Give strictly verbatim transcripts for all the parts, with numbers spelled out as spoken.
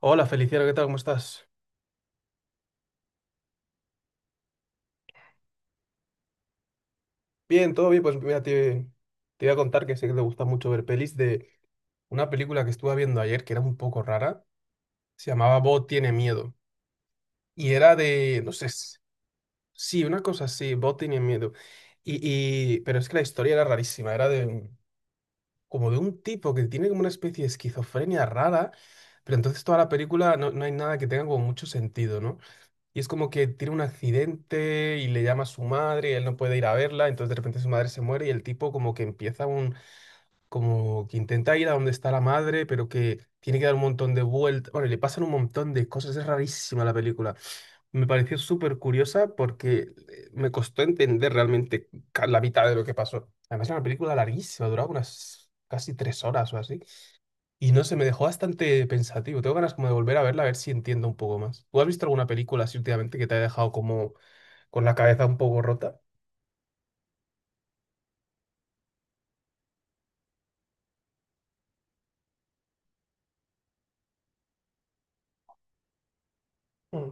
Hola Feliciano, ¿qué tal? ¿Cómo estás? Bien, todo bien. Pues mira, te, te voy a contar que sé que te gusta mucho ver pelis de una película que estuve viendo ayer que era un poco rara. Se llamaba Bo tiene miedo. Y era de, no sé, s- sí, una cosa así, Bo tiene miedo. Y, y, pero es que la historia era rarísima. Era de un- como de un tipo que tiene como una especie de esquizofrenia rara, pero entonces toda la película no, no hay nada que tenga como mucho sentido, ¿no? Y es como que tiene un accidente y le llama a su madre y él no puede ir a verla, entonces de repente su madre se muere y el tipo como que empieza un, como que intenta ir a donde está la madre, pero que tiene que dar un montón de vueltas. Bueno, y le pasan un montón de cosas, es rarísima la película. Me pareció súper curiosa porque eh, me costó entender realmente ca- la mitad de lo que pasó. Además, era una película larguísima, duraba unas casi tres horas o así. Y no sé, me dejó bastante pensativo. Tengo ganas como de volver a verla, a ver si entiendo un poco más. ¿Tú has visto alguna película así últimamente que te haya dejado como con la cabeza un poco rota? Mm,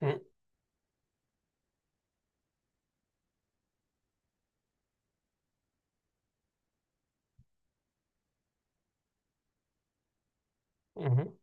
mm, ujú.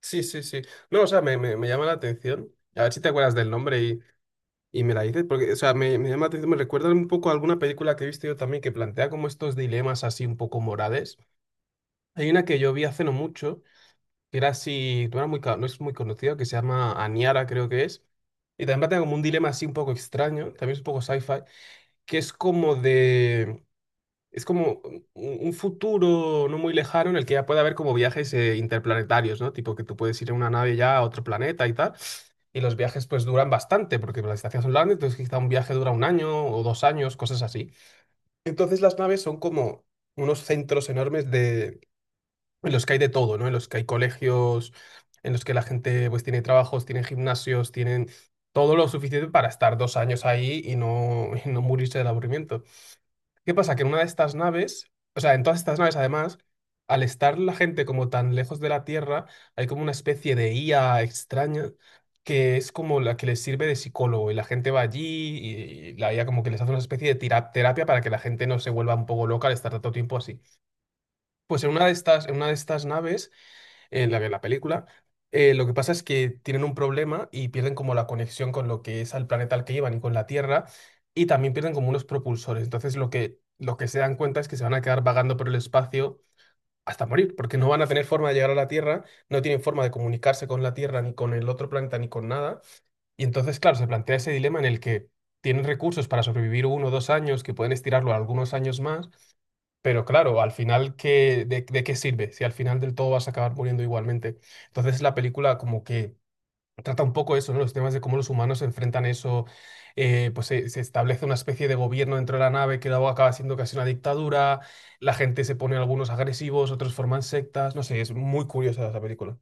Sí, sí, sí. No, o sea, me, me, me llama la atención. A ver si te acuerdas del nombre y, y me la dices, porque, o sea, me, me llama la atención, me recuerda un poco a alguna película que he visto yo también que plantea como estos dilemas así un poco morales. Hay una que yo vi hace no mucho, era así, no era muy, ca- no es muy conocido, que se llama Aniara, creo que es. Y también plantea como un dilema así un poco extraño, también es un poco sci-fi, que es como de, es como un, un futuro no muy lejano en el que ya puede haber como viajes eh, interplanetarios, ¿no? Tipo que tú puedes ir en una nave ya a otro planeta y tal, y los viajes pues duran bastante, porque las distancias son largas, entonces quizá un viaje dura un año o dos años, cosas así. Entonces las naves son como unos centros enormes en los que hay de todo, ¿no? En los que hay colegios, en los que la gente pues tiene trabajos, tiene gimnasios, tienen todo lo suficiente para estar dos años ahí y no, y no morirse del aburrimiento. ¿Qué pasa? Que en una de estas naves, o sea, en todas estas naves además, al estar la gente como tan lejos de la Tierra, hay como una especie de I A extraña que es como la que les sirve de psicólogo y la gente va allí y y la I A como que les hace una especie de tira- terapia para que la gente no se vuelva un poco loca al estar tanto tiempo así. Pues en una de estas, en una de estas naves en la, en la película. Eh, lo que pasa es que tienen un problema y pierden como la conexión con lo que es al planeta al que iban y con la Tierra, y también pierden como unos propulsores. Entonces lo que, lo que se dan cuenta es que se van a quedar vagando por el espacio hasta morir, porque no van a tener forma de llegar a la Tierra, no tienen forma de comunicarse con la Tierra, ni con el otro planeta, ni con nada. Y entonces, claro, se plantea ese dilema en el que tienen recursos para sobrevivir uno o dos años, que pueden estirarlo a algunos años más, pero claro, al final, ¿qué, de, de qué sirve? Si al final del todo vas a acabar muriendo igualmente. Entonces la película como que trata un poco eso, ¿no? Los temas de cómo los humanos se enfrentan eso, eh, pues se, se establece una especie de gobierno dentro de la nave que luego acaba siendo casi una dictadura, la gente se pone algunos agresivos, otros forman sectas, no sé, es muy curiosa esa película.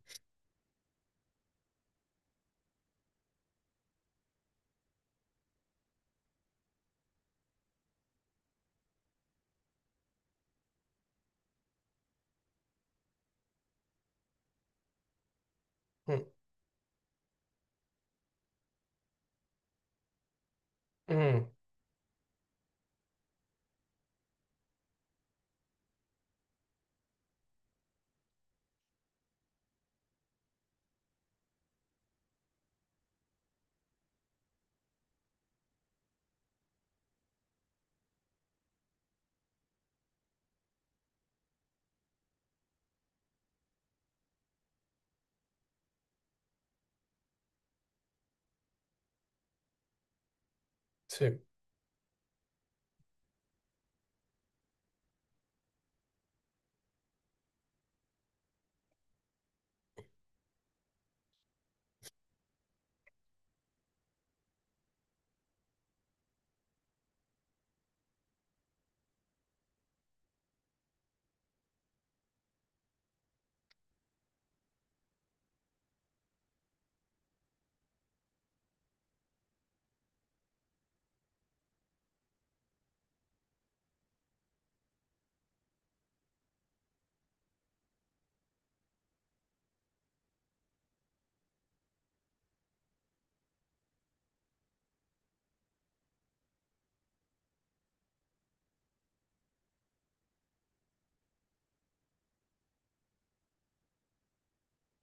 Mm, mm, sí.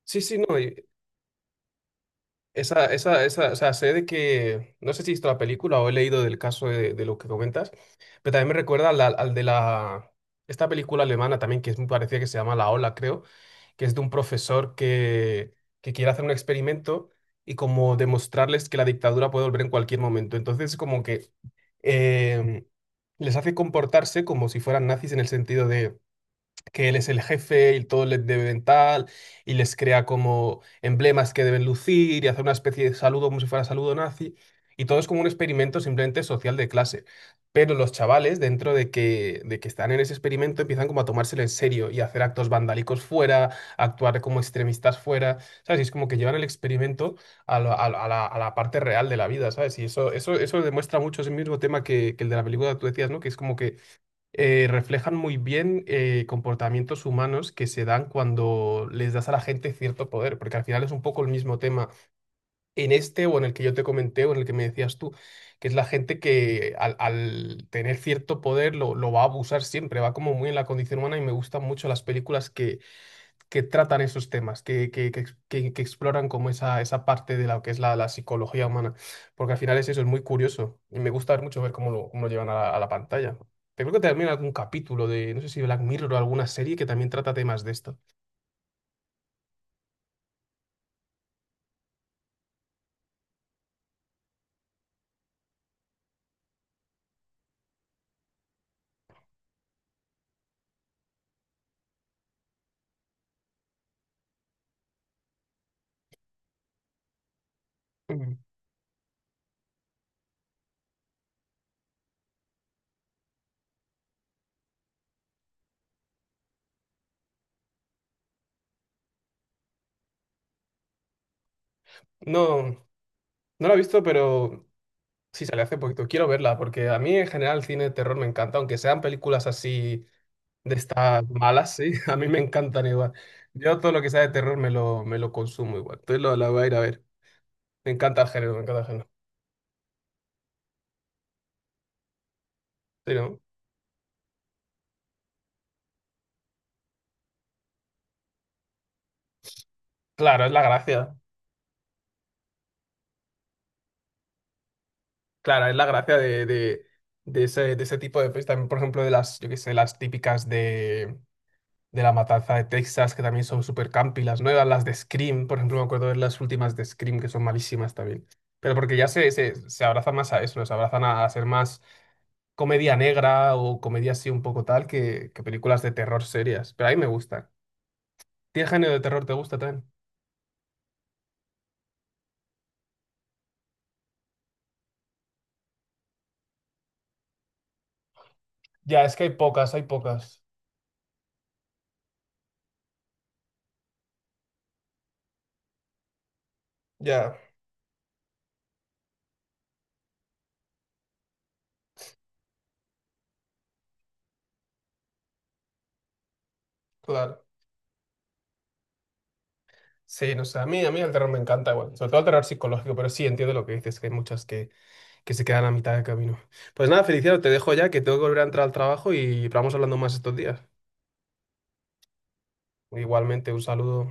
Sí, sí, no. Esa, esa, esa, o sea, sé de que, no sé si he visto la película o he leído del caso de, de lo que comentas, pero también me recuerda al, al al de la, esta película alemana también, que es, me parecía que se llama La Ola, creo, que es de un profesor que, que quiere hacer un experimento y como demostrarles que la dictadura puede volver en cualquier momento. Entonces, como que em, les hace comportarse como si fueran nazis en el sentido de que él es el jefe y todo les debe tal, y les crea como emblemas que deben lucir y hacer una especie de saludo como si fuera saludo nazi, y todo es como un experimento simplemente social de clase. Pero los chavales, dentro de que, de que están en ese experimento, empiezan como a tomárselo en serio y a hacer actos vandálicos fuera, a actuar como extremistas fuera, ¿sabes? Y es como que llevan el experimento a la, a la- a la- a la parte real de la vida, ¿sabes? Y eso, eso, eso demuestra mucho ese mismo tema que, que el de la película que tú decías, ¿no? Que es como que eh, reflejan muy bien eh, comportamientos humanos que se dan cuando les das a la gente cierto poder, porque al final es un poco el mismo tema en este o en el que yo te comenté o en el que me decías tú, que es la gente que al, al tener cierto poder lo, lo va a abusar siempre, va como muy en la condición humana y me gustan mucho las películas que que tratan esos temas, que, que- que ex- que- que exploran como esa, esa parte de lo que es la, la psicología humana. Porque al final es eso, es muy curioso. Y me gusta mucho ver cómo lo, cómo lo llevan a la, a la pantalla. Te creo que también algún capítulo de, no sé si Black Mirror o alguna serie que también trata temas de esto. Mm. No, no la he visto, pero sí sale hace poquito. Quiero verla, porque a mí en general el cine de terror me encanta, aunque sean películas así de estas malas, sí, a mí me encantan igual. Yo todo lo que sea de terror me lo, me lo consumo igual. Entonces lo, la voy a ir a ver. Me encanta el género, me encanta el género. Sí, ¿no? Claro, es la gracia. Claro, es la gracia de, de, de ese, de ese tipo de pelis. También, por ejemplo, de las, yo qué sé, las típicas de, de La Matanza de Texas, que también son super campi. Las nuevas, las de Scream, por ejemplo, me acuerdo de las últimas de Scream, que son malísimas también. Pero porque ya se, se, se abrazan más a eso, ¿no? Se abrazan a, a ser más comedia negra o comedia así un poco tal que, que películas de terror serias. Pero a mí me gustan. ¿Qué género de terror te gusta también? Ya, es que hay pocas, hay pocas. Ya, claro. Sí, no sé, a mí, a mí el terror me encanta, bueno, sobre todo el terror psicológico, pero sí entiendo lo que dices, que hay muchas que, que se quedan a mitad de camino. Pues nada, Feliciano, te dejo ya, que tengo que volver a entrar al trabajo y vamos hablando más estos días. Igualmente, un saludo.